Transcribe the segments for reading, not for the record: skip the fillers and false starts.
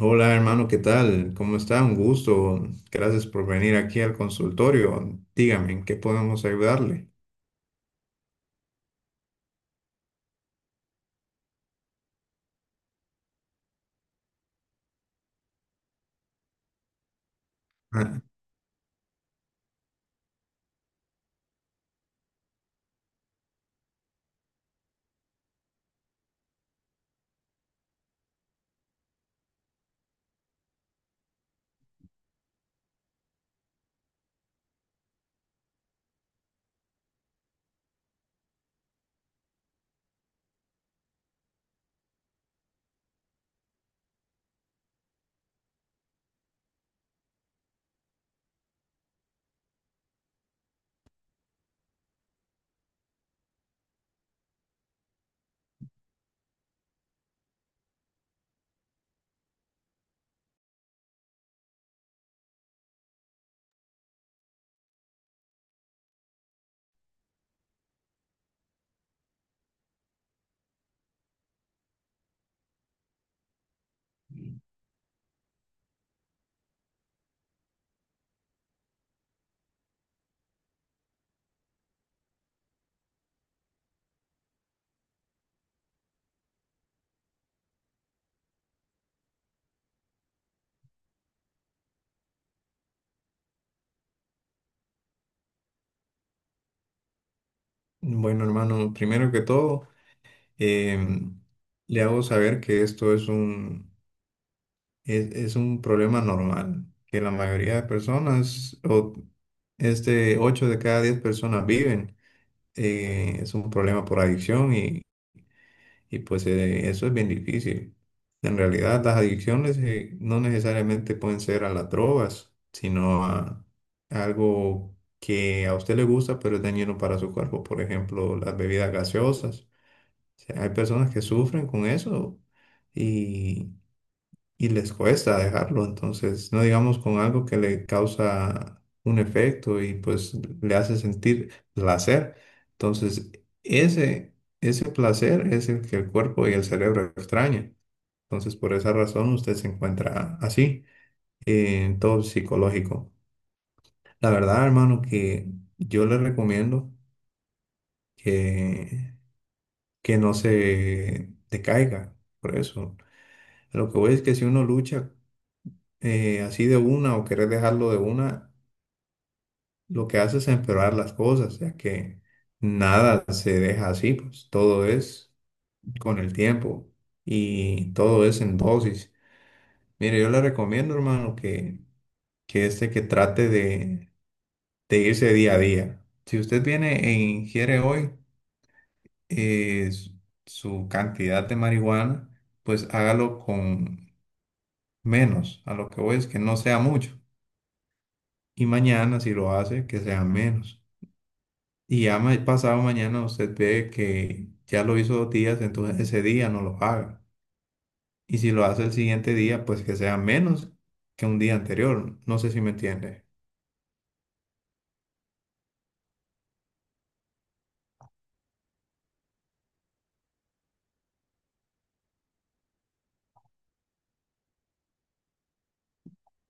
Hola hermano, ¿qué tal? ¿Cómo está? Un gusto. Gracias por venir aquí al consultorio. Dígame, ¿en qué podemos ayudarle? Ah, bueno hermano, primero que todo, em, le hago saber que esto es un problema normal, que la mayoría de personas, o 8 de cada 10 personas viven. Es un problema por adicción. Y pues eso es bien difícil. En realidad las adicciones no necesariamente pueden ser a las drogas, sino a algo que a usted le gusta pero es dañino para su cuerpo. Por ejemplo, las bebidas gaseosas. O sea, hay personas que sufren con eso y y les cuesta dejarlo. Entonces no digamos con algo que le causa un efecto y pues le hace sentir placer. Entonces, ese, ese placer es el que el cuerpo y el cerebro extrañan. Entonces, por esa razón usted se encuentra así, en todo psicológico. La verdad, hermano, que yo le recomiendo que, que no se decaiga por eso. A lo que voy es que si uno lucha así de una o querer dejarlo de una, lo que hace es empeorar las cosas, ya que nada se deja así, pues todo es con el tiempo y todo es en dosis. Mire, yo le recomiendo, hermano, que que trate de irse día a día. Si usted viene e ingiere hoy eh, s- su cantidad de marihuana, pues hágalo con menos. A lo que voy es que no sea mucho. Y mañana, si lo hace, que sea menos. Y ya pasado mañana usted ve que ya lo hizo 2 días, entonces ese día no lo haga. Y si lo hace el siguiente día, pues que sea menos que un día anterior. No sé si me entiende.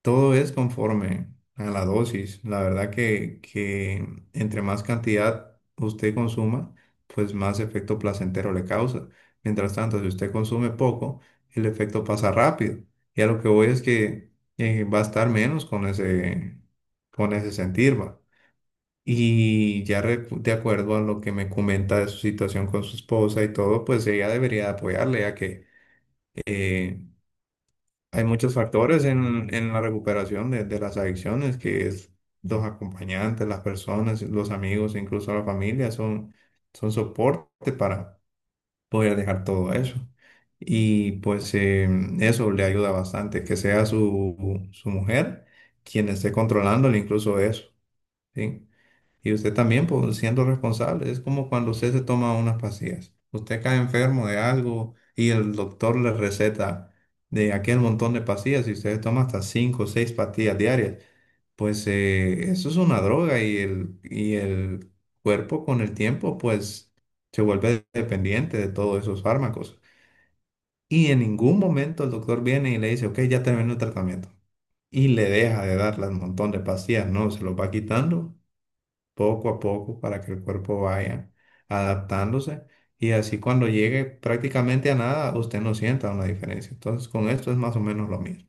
Todo es conforme a la dosis. La verdad que entre más cantidad usted consuma, pues más efecto placentero le causa. Mientras tanto, si usted consume poco, el efecto pasa rápido. Y a lo que voy es que va a estar menos con ese sentir, va. Y ya de acuerdo a lo que me comenta de su situación con su esposa y todo, pues ella debería apoyarle, ya que eh, hay muchos factores en la recuperación de las adicciones, que es los acompañantes, las personas, los amigos, incluso la familia, son soporte para poder dejar todo eso. Y pues eso le ayuda bastante, que sea su mujer quien esté controlándole incluso eso, ¿sí? Y usted también, pues, siendo responsable, es como cuando usted se toma unas pastillas. Usted cae enfermo de algo y el doctor le receta de aquel montón de pastillas y usted toma hasta 5 o 6 pastillas diarias. Pues eso es una droga y el cuerpo con el tiempo pues se vuelve dependiente de todos esos fármacos. Y en ningún momento el doctor viene y le dice, ok, ya terminó el tratamiento. Y le deja de dar un montón de pastillas, no, se los va quitando poco a poco para que el cuerpo vaya adaptándose y así cuando llegue prácticamente a nada, usted no sienta una diferencia. Entonces, con esto es más o menos lo mismo.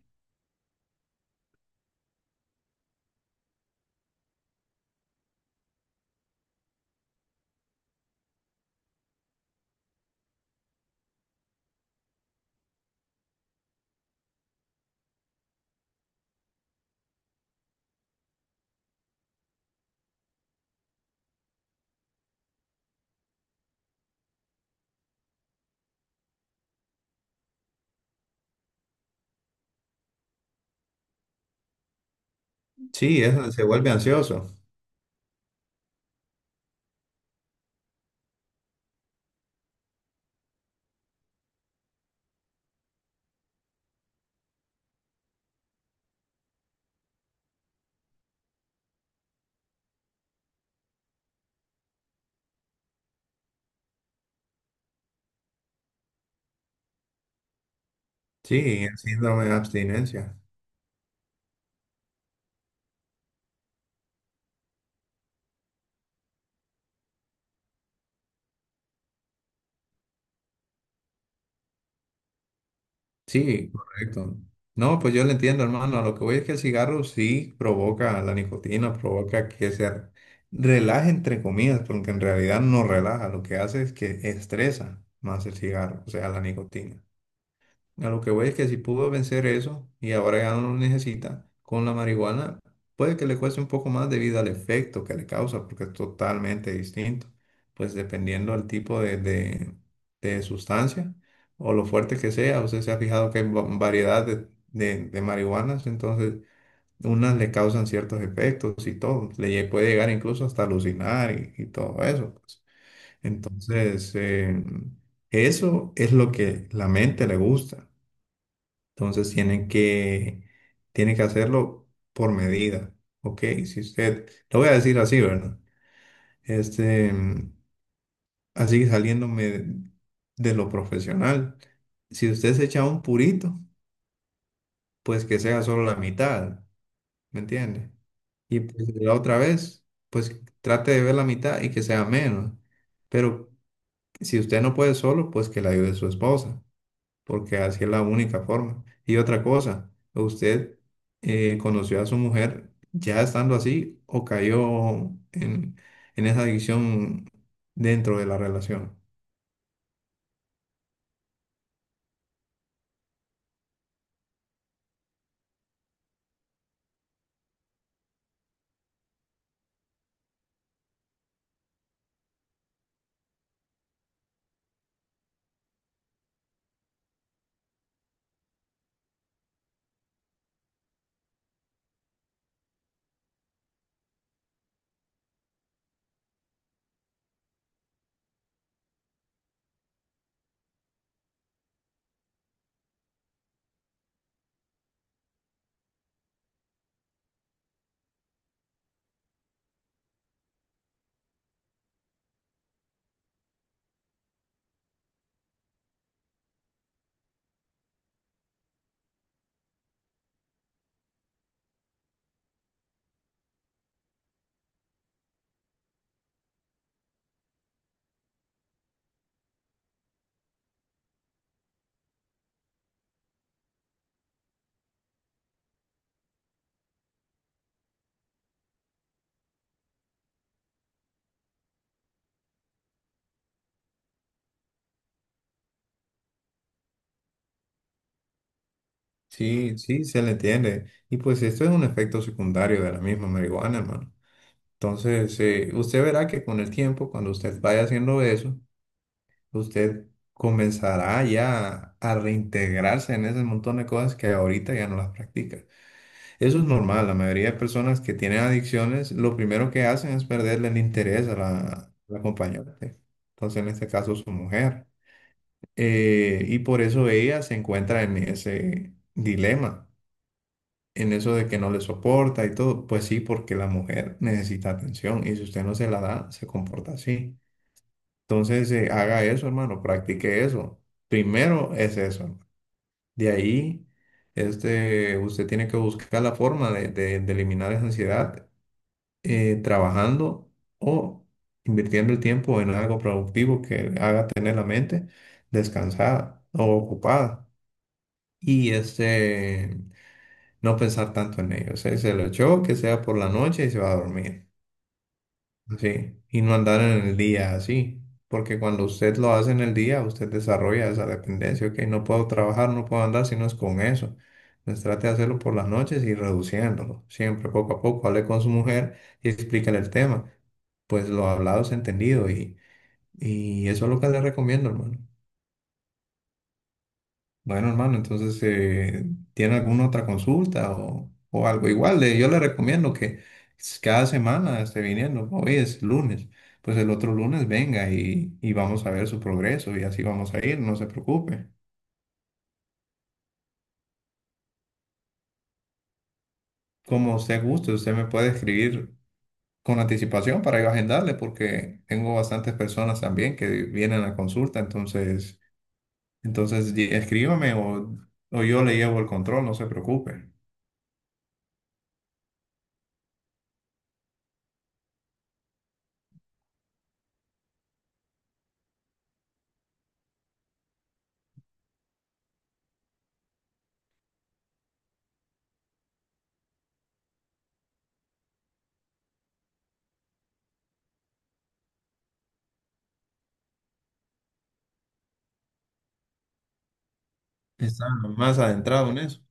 Sí, eso se vuelve ansioso. Sí, el síndrome de abstinencia. Sí, correcto. No, pues yo le entiendo, hermano. A lo que voy es que el cigarro sí provoca la nicotina, provoca que se relaje entre comillas, porque en realidad no relaja, lo que hace es que estresa más el cigarro, o sea, la nicotina. A lo que voy es que si pudo vencer eso y ahora ya no lo necesita con la marihuana, puede que le cueste un poco más debido al efecto que le causa, porque es totalmente distinto. Pues dependiendo del tipo de sustancia o lo fuerte que sea, usted se ha fijado que hay variedad de marihuanas, entonces unas le causan ciertos efectos y todo. Puede llegar incluso hasta alucinar y todo eso, pues. Entonces, eso es lo que la mente le gusta. Entonces tienen que hacerlo por medida, ¿ok? Si usted, lo voy a decir así, ¿verdad? Este, mm, Así que saliéndome de lo profesional, si usted se echa un purito, pues que sea solo la mitad, ¿me entiende? Y pues la otra vez, pues trate de ver la mitad y que sea menos. Pero si usted no puede solo, pues que la ayude su esposa. Porque así es la única forma. Y otra cosa, ¿usted conoció a su mujer ya estando así o cayó en, en esa adicción dentro de la relación? Sí, sí, se le entiende. Y pues esto es un efecto secundario de la misma marihuana, hermano. Entonces, usted verá que con el tiempo, cuando usted vaya haciendo eso, usted comenzará ya a reintegrarse en ese montón de cosas que ahorita ya no las practica. Eso es normal, la mayoría de personas que tienen adicciones, lo primero que hacen es perderle el interés a la acompañante, entonces en este caso su mujer. Y por eso ella se encuentra en ese dilema, en eso de que no le soporta y todo. Pues sí, porque la mujer necesita atención y si usted no se la da, se comporta así. Entonces haga eso, hermano, practique eso. Primero es eso, hermano. De ahí. Usted tiene que buscar la forma de eliminar esa ansiedad trabajando o invirtiendo el tiempo en algo productivo que haga tener la mente descansada o ocupada y no pensar tanto en ello. O sea, se lo echó, que sea por la noche y se va a dormir. Sí, y no andar en el día así, porque cuando usted lo hace en el día, usted desarrolla esa dependencia. Ok, no puedo trabajar, no puedo andar si no es con eso. Entonces trate de hacerlo por las noches y reduciéndolo, siempre poco a poco, hable con su mujer y explícale el tema, pues lo hablado es entendido, y eso es lo que le recomiendo, hermano. Bueno, hermano, entonces, ¿tiene alguna otra consulta o algo? Igual, yo le recomiendo que cada semana esté viniendo. Hoy es lunes, pues el otro lunes venga, y vamos a ver su progreso y así vamos a ir, no se preocupe. Como usted guste, usted me puede escribir con anticipación para yo agendarle porque tengo bastantes personas también que vienen a consulta. Entonces, escríbame, o yo le llevo el control, no se preocupe. Está más adentrado en eso.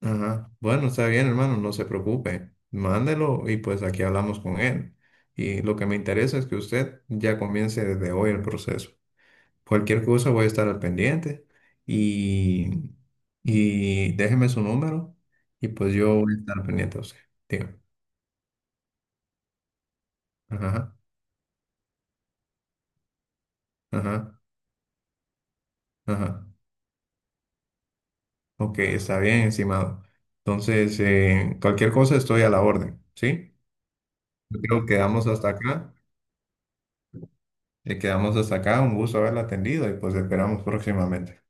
Ajá. Bueno, está bien, hermano, no se preocupe. Mándelo y pues aquí hablamos con él. Y lo que me interesa es que usted ya comience desde hoy el proceso. Cualquier cosa voy a estar al pendiente, y, y déjeme su número y pues yo voy a estar al pendiente a usted. Dígame. Ajá, ajá, ajá. Ok, está bien, estimado. Entonces, cualquier cosa estoy a la orden, ¿sí? Yo creo que quedamos hasta acá. Y quedamos hasta acá. Un gusto haberla atendido y pues esperamos próximamente.